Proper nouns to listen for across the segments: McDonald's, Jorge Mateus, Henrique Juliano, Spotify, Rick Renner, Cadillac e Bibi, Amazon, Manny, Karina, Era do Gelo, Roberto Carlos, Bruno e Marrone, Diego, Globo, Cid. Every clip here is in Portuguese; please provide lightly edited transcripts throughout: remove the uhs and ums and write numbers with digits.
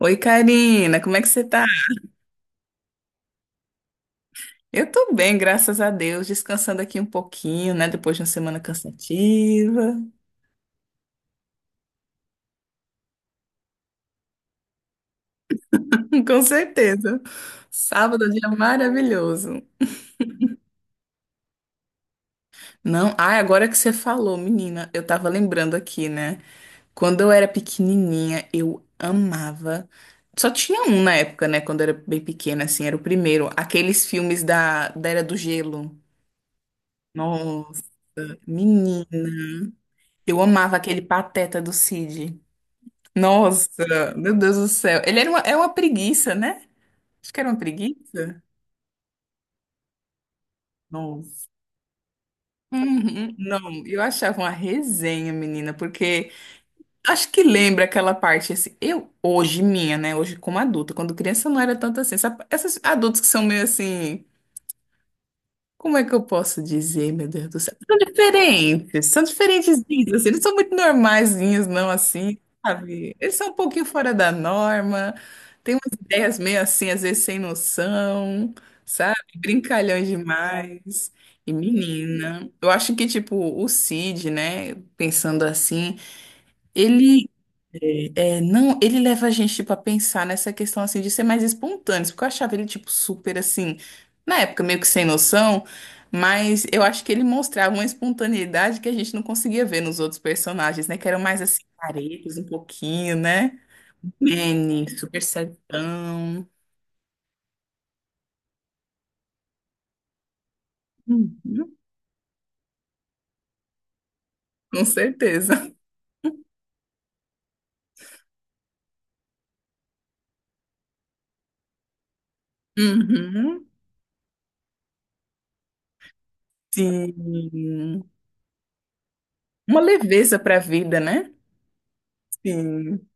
Oi, Karina, como é que você tá? Eu tô bem, graças a Deus, descansando aqui um pouquinho, né? Depois de uma semana cansativa. Com certeza. Sábado, é um dia maravilhoso. Não, ai, agora que você falou, menina, eu tava lembrando aqui, né? Quando eu era pequenininha, eu amava. Só tinha um na época, né? Quando eu era bem pequena, assim, era o primeiro. Aqueles filmes da Era do Gelo. Nossa, menina. Eu amava aquele Pateta do Cid. Nossa, meu Deus do céu. Ele é uma preguiça, né? Acho que era uma preguiça. Nossa. Uhum. Não, eu achava uma resenha, menina, porque acho que lembra aquela parte assim. Eu, hoje, minha, né? Hoje, como adulta, quando criança não era tanto assim. Essas adultos que são meio assim. Como é que eu posso dizer, meu Deus do céu? São diferentes, são diferentezinhos, assim, eles são muito normaizinhos, não assim, sabe? Eles são um pouquinho fora da norma, têm umas ideias meio assim, às vezes sem noção, sabe? Brincalhões demais. E menina, eu acho que, tipo, o Cid, né, pensando assim, ele não, ele leva a gente, tipo, a pensar nessa questão, assim, de ser mais espontâneos, porque eu achava ele, tipo, super, assim, na época, meio que sem noção, mas eu acho que ele mostrava uma espontaneidade que a gente não conseguia ver nos outros personagens, né, que eram mais, assim, caretos um pouquinho, né, Manny, super certão. Uhum, com certeza. Uhum, sim, uma leveza pra vida, né? Sim.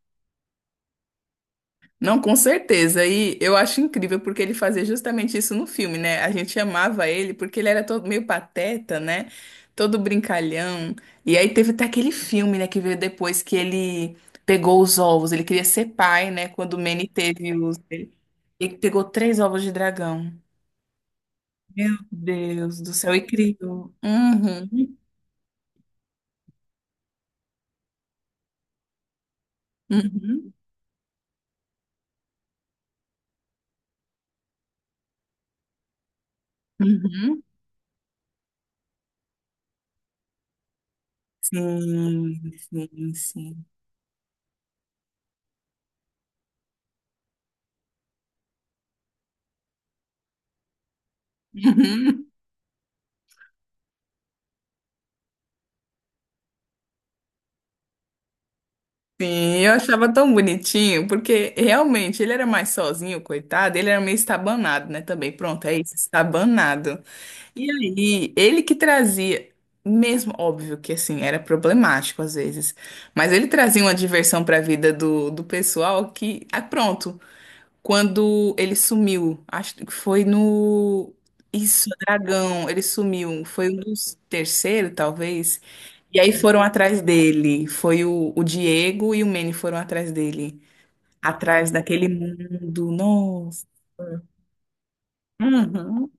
Não, com certeza. E eu acho incrível porque ele fazia justamente isso no filme, né? A gente amava ele porque ele era todo meio pateta, né? Todo brincalhão. E aí teve até aquele filme, né, que veio depois que ele pegou os ovos. Ele queria ser pai, né? Quando o Manny teve os. Ele pegou três ovos de dragão. Meu Deus do céu, e criou. Uhum, uhum, uhum. Sim, sim, sim. Sim, eu achava tão bonitinho, porque realmente ele era mais sozinho, coitado, ele era meio estabanado, né, também. Pronto, é isso, estabanado. E aí, ele que trazia, mesmo óbvio que assim, era problemático às vezes, mas ele trazia uma diversão para a vida do pessoal que, ah, pronto, quando ele sumiu. Acho que foi no. Isso, Dragão, ele sumiu. Foi um dos terceiro, talvez. E aí foram atrás dele. Foi o Diego e o Manny foram atrás dele. Atrás daquele mundo. Nossa. Uhum.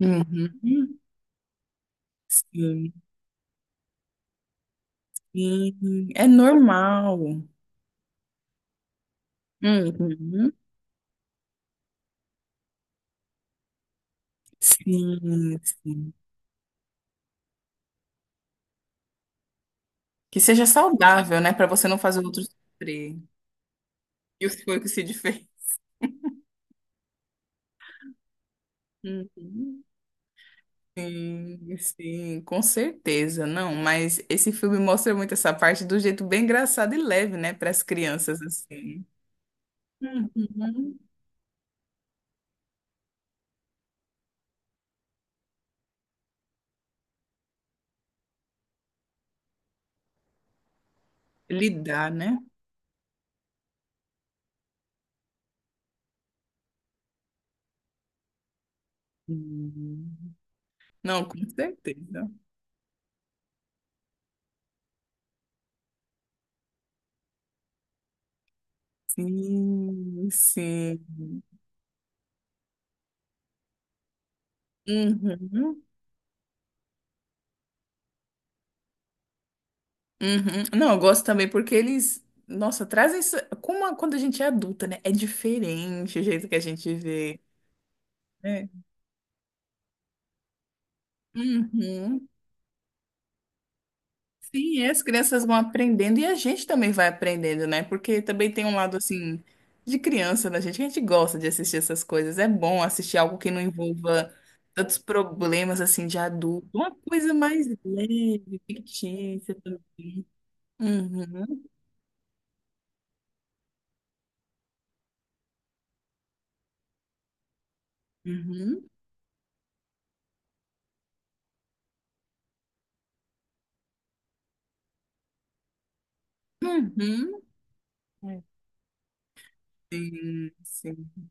Uhum. Sim, sim. É normal. Uhum. Sim, sim. Que seja saudável, né? Pra você não fazer outros sofrer. Isso foi o que o Cid fez. Uhum. Sim, sim, com certeza, não, mas esse filme mostra muito essa parte do jeito bem engraçado e leve, né, para as crianças assim. Uhum. Lidar, né? Hum. Não, com certeza. Sim, sim. Uhum, uhum. Não, eu gosto também porque eles, nossa, trazem isso quando a gente é adulta, né? É diferente o jeito que a gente vê, né? Uhum. Sim, e as crianças vão aprendendo e a gente também vai aprendendo, né? Porque também tem um lado assim de criança da gente, que a gente gosta de assistir essas coisas. É bom assistir algo que não envolva tantos problemas assim de adulto, uma coisa mais leve, fictícia também. Uhum, uhum, uhum. É, sim, sim.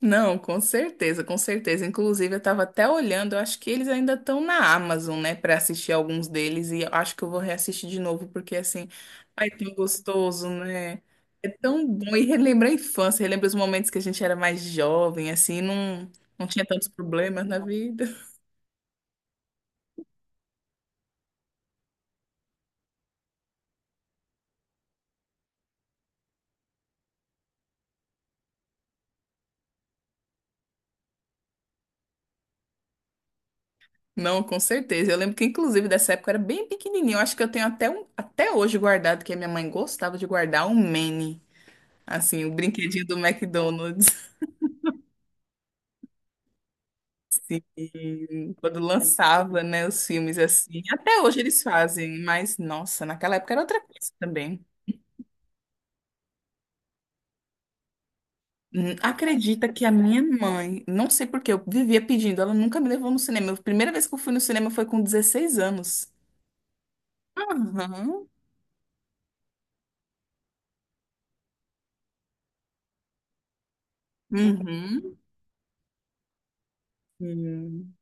Não, com certeza, com certeza. Inclusive, eu estava até olhando, eu acho que eles ainda estão na Amazon, né, para assistir alguns deles, e eu acho que eu vou reassistir de novo, porque assim, ai, tão gostoso, né? É tão bom e relembra a infância, relembra os momentos que a gente era mais jovem, assim, não, não tinha tantos problemas na vida. Não, com certeza. Eu lembro que, inclusive, dessa época eu era bem pequenininho. Eu acho que eu tenho até, um, até hoje guardado, que a minha mãe gostava de guardar um Manny, assim, o brinquedinho do McDonald's. Sim, quando lançava, né, os filmes assim. Até hoje eles fazem, mas nossa, naquela época era outra coisa também. Acredita que a minha mãe, não sei por que, eu vivia pedindo, ela nunca me levou no cinema. A primeira vez que eu fui no cinema foi com 16 anos. Aham. Uhum. Sim,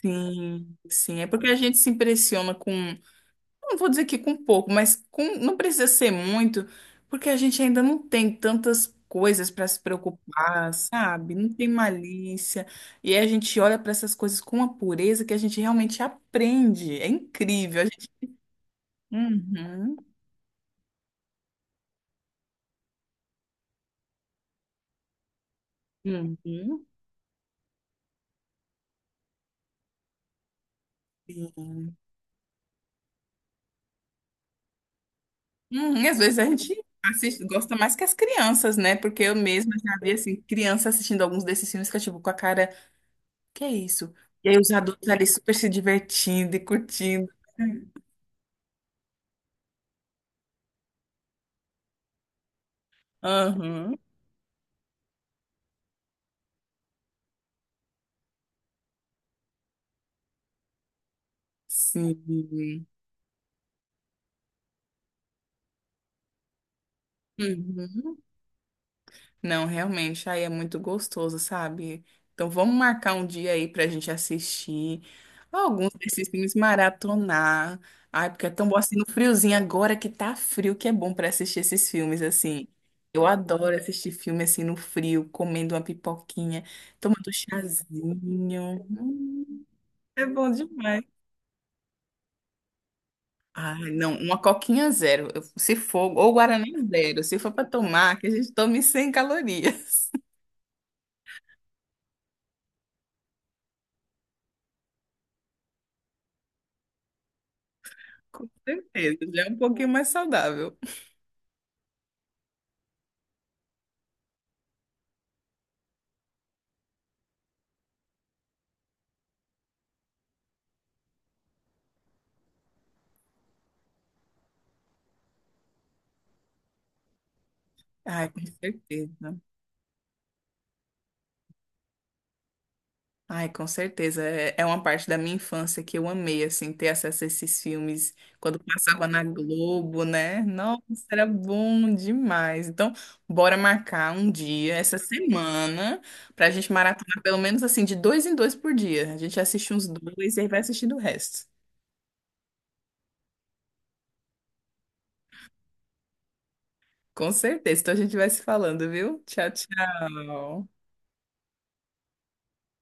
sim, sim. É porque a gente se impressiona com não vou dizer que com pouco, mas com, não precisa ser muito, porque a gente ainda não tem tantas coisas para se preocupar, sabe? Não tem malícia. E aí a gente olha para essas coisas com uma pureza que a gente realmente aprende. É incrível. A gente... Uhum, uhum, sim. Uhum, e às vezes a gente assiste, gosta mais que as crianças, né? Porque eu mesma já vi, assim, criança assistindo alguns desses filmes que eu, tipo, com a cara, que é isso? E aí os adultos ali super se divertindo e curtindo. Aham. Sim. Uhum. Não, realmente, aí é muito gostoso, sabe? Então vamos marcar um dia aí pra gente assistir alguns desses filmes maratonar. Ai, porque é tão bom assim no friozinho agora que tá frio, que é bom pra assistir esses filmes assim. Eu adoro assistir filme assim no frio, comendo uma pipoquinha, tomando um chazinho. É bom demais. Ai, não, uma coquinha zero. Se for, ou Guaraná zero, se for para tomar, que a gente tome 100 calorias. Com certeza, já é um pouquinho mais saudável. Ai, com certeza. Ai, com certeza. É, é uma parte da minha infância que eu amei, assim, ter acesso a esses filmes quando passava na Globo, né? Nossa, era bom demais. Então, bora marcar um dia, essa semana, pra gente maratonar pelo menos, assim, de dois em dois por dia. A gente assiste uns dois e aí vai assistindo o resto. Com certeza. Então a gente vai se falando, viu? Tchau, tchau.